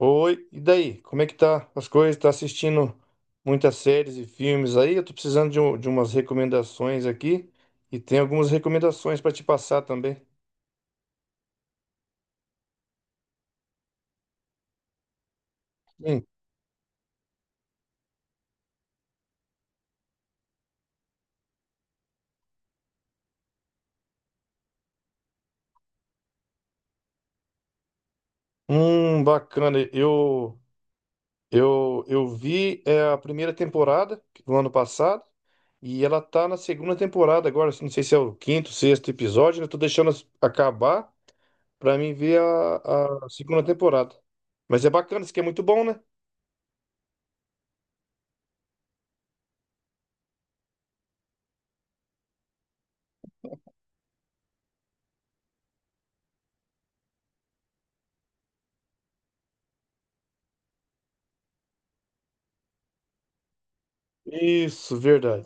Oi, e daí? Como é que tá as coisas? Tá assistindo muitas séries e filmes aí? Eu tô precisando de umas recomendações aqui e tem algumas recomendações pra te passar também. Hum, bacana. Eu vi a primeira temporada do ano passado e ela tá na segunda temporada agora. Não sei se é o quinto, sexto episódio. Eu tô deixando acabar pra mim ver a segunda temporada. Mas é bacana, isso aqui é muito bom, né? Isso, verdade.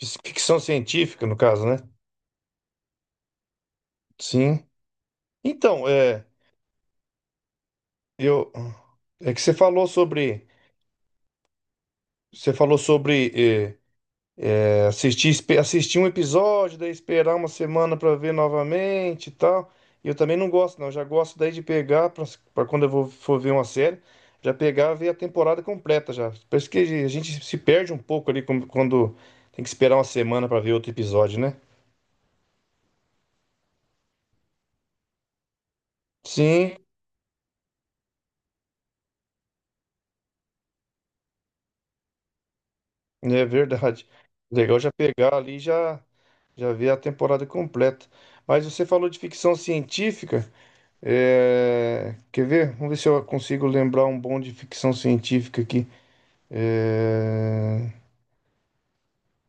Fiz ficção científica, no caso, né? Sim. Então, é, eu, é que você falou sobre, você falou sobre assistir um episódio, daí esperar uma semana pra ver novamente e tal. E eu também não gosto, não. Eu já gosto daí de pegar pra quando for ver uma série, já pegar e ver a temporada completa já. Parece que a gente se perde um pouco quando tem que esperar uma semana pra ver outro episódio, né? Sim. É verdade. Legal já pegar ali e já ver a temporada completa. Mas você falou de ficção científica. Quer ver? Vamos ver se eu consigo lembrar um bom de ficção científica aqui. É,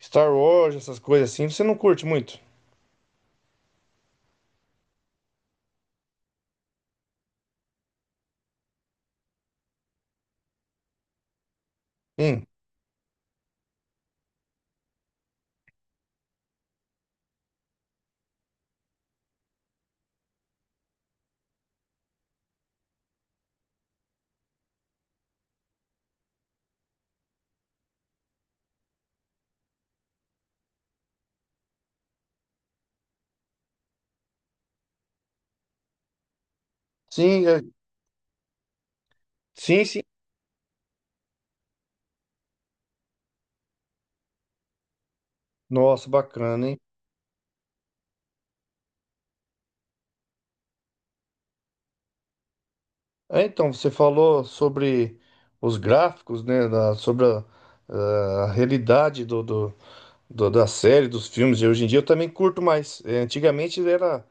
Star Wars, essas coisas assim. Você não curte muito? Sim. Sim, é, sim, sim. Nossa, bacana, hein? Ah, então, você falou sobre os gráficos, né? Sobre a realidade do da série, dos filmes, e hoje em dia eu também curto mais. Antigamente era,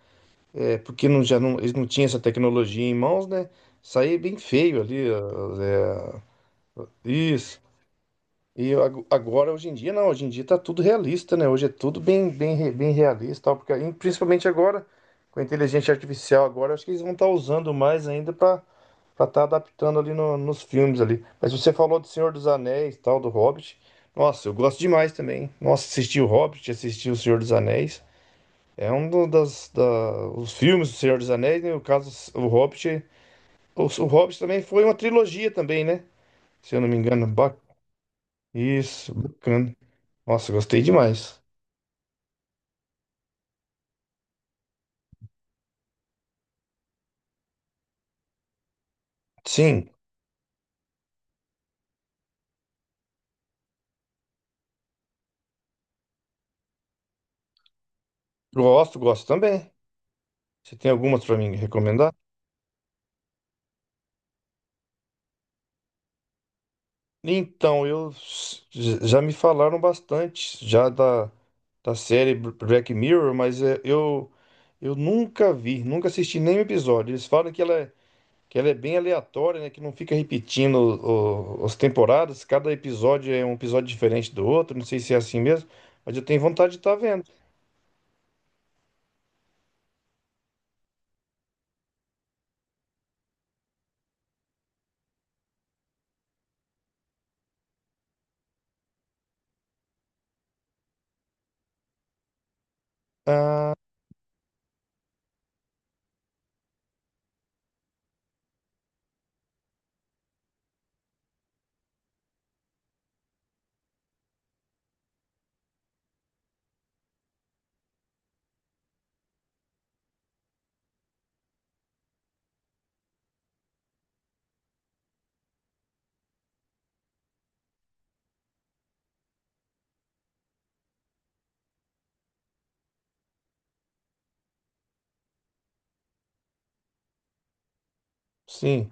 porque não, já não, eles não tinham essa tecnologia em mãos, né? Saía bem feio ali. Ó, é, isso. E eu agora, hoje em dia, não, hoje em dia tá tudo realista, né? Hoje é tudo bem realista, tal, porque e principalmente agora, com a inteligência artificial agora, acho que eles vão estar usando mais ainda para estar adaptando ali no- nos filmes ali. Mas você falou do Senhor dos Anéis, tal, do Hobbit. Nossa, eu gosto demais também. Nossa, assisti o Hobbit, assisti o Senhor dos Anéis. É os filmes do Senhor dos Anéis, né? No caso, o Hobbit, o Hobbit também foi uma trilogia também, né? Se eu não me engano, isso, bacana. Nossa, gostei demais. Sim, gosto, gosto também. Você tem algumas para me recomendar? Então, eu já me falaram bastante da série Black Mirror, mas é, eu nunca vi, nunca assisti nenhum episódio. Eles falam que ela é bem aleatória, né? Que não fica repetindo as temporadas. Cada episódio é um episódio diferente do outro. Não sei se é assim mesmo, mas eu tenho vontade de estar vendo. Ah, sim,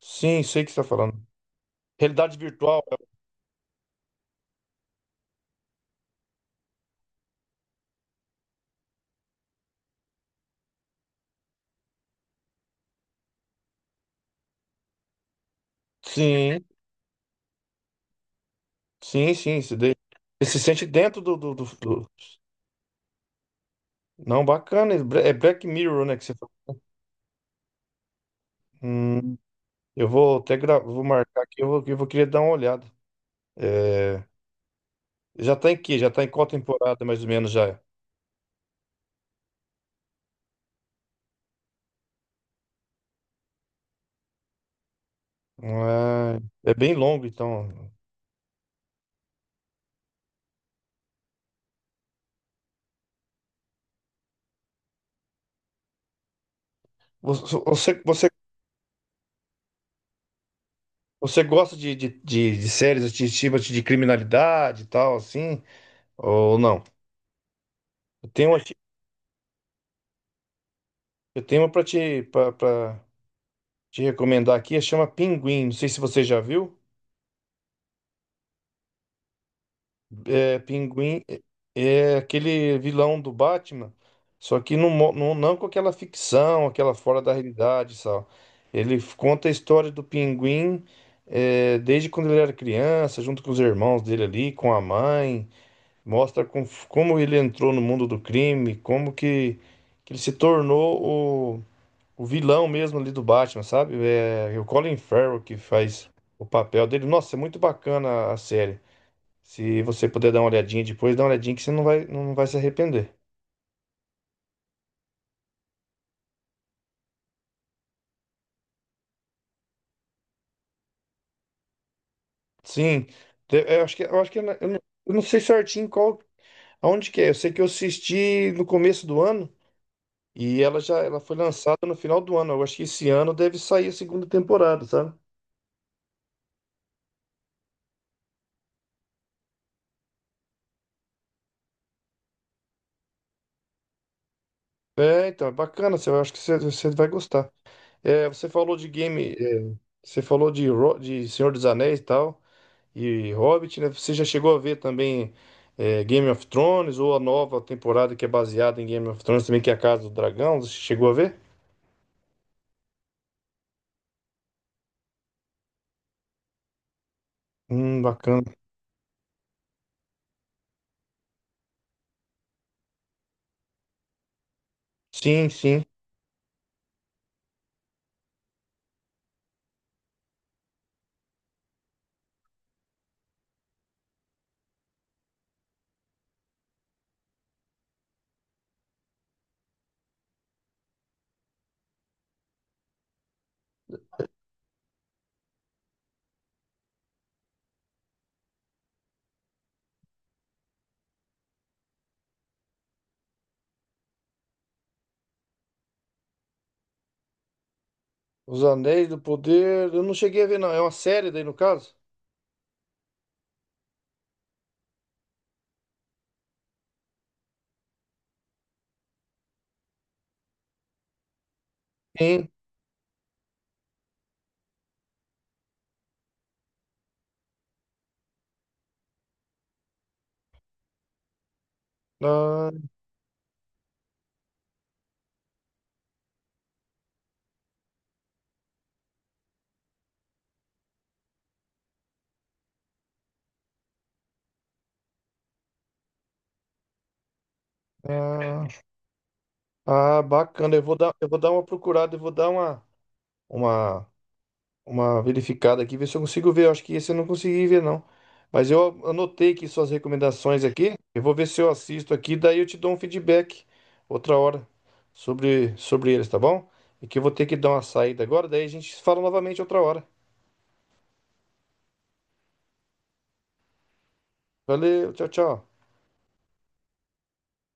sim, sei o que você está falando. Realidade virtual. Sim. Sim, sim. Você se sente dentro do Não, bacana. É Black Mirror, né? Que você falou. Hum, eu vou até gra... vou marcar aqui, eu vou querer dar uma olhada. É, já tá em que? Já tá em qual temporada, mais ou menos, já? Ah, é bem longo, então. Você, você, você, você gosta de de séries de, tipo de criminalidade e tal, assim? Ou não? Eu tenho uma, aqui- eu tenho uma pra te recomendar aqui, chama Pinguim. Não sei se você já viu. É, Pinguim é é aquele vilão do Batman, só que não com aquela ficção, aquela fora da realidade, só. Ele conta a história do Pinguim desde quando ele era criança, junto com os irmãos dele ali, com a mãe. Mostra como ele entrou no mundo do crime, que ele se tornou o vilão mesmo ali do Batman, sabe? É, é o Colin Farrell que faz o papel dele. Nossa, é muito bacana a série. Se você puder dar uma olhadinha depois, dá uma olhadinha que você não vai se arrepender. Sim, eu acho que, eu acho que eu não sei certinho qual, aonde que é. Eu sei que eu assisti no começo do ano e ela foi lançada no final do ano. Eu acho que esse ano deve sair a segunda temporada, sabe? É, então, é bacana. Você, eu acho você vai gostar. É, você falou de game, é, você falou de Senhor dos Anéis e tal. E Hobbit, né? Você já chegou a ver também eh, Game of Thrones ou a nova temporada que é baseada em Game of Thrones também, que é a Casa do Dragão? Você chegou a ver? Bacana. Sim, sim. Os Anéis do Poder, eu não cheguei a ver, não. É uma série daí, no caso? Sim. Ah, ah, ah, bacana. Eu vou dar uma procurada, eu vou dar uma, uma verificada aqui, ver se eu consigo ver. Eu acho que esse eu não consegui ver, não. Mas eu anotei aqui suas recomendações aqui. Eu vou ver se eu assisto aqui, daí eu te dou um feedback outra hora sobre, sobre eles, tá bom? E que eu vou ter que dar uma saída agora, daí a gente fala novamente outra hora. Valeu, tchau, tchau.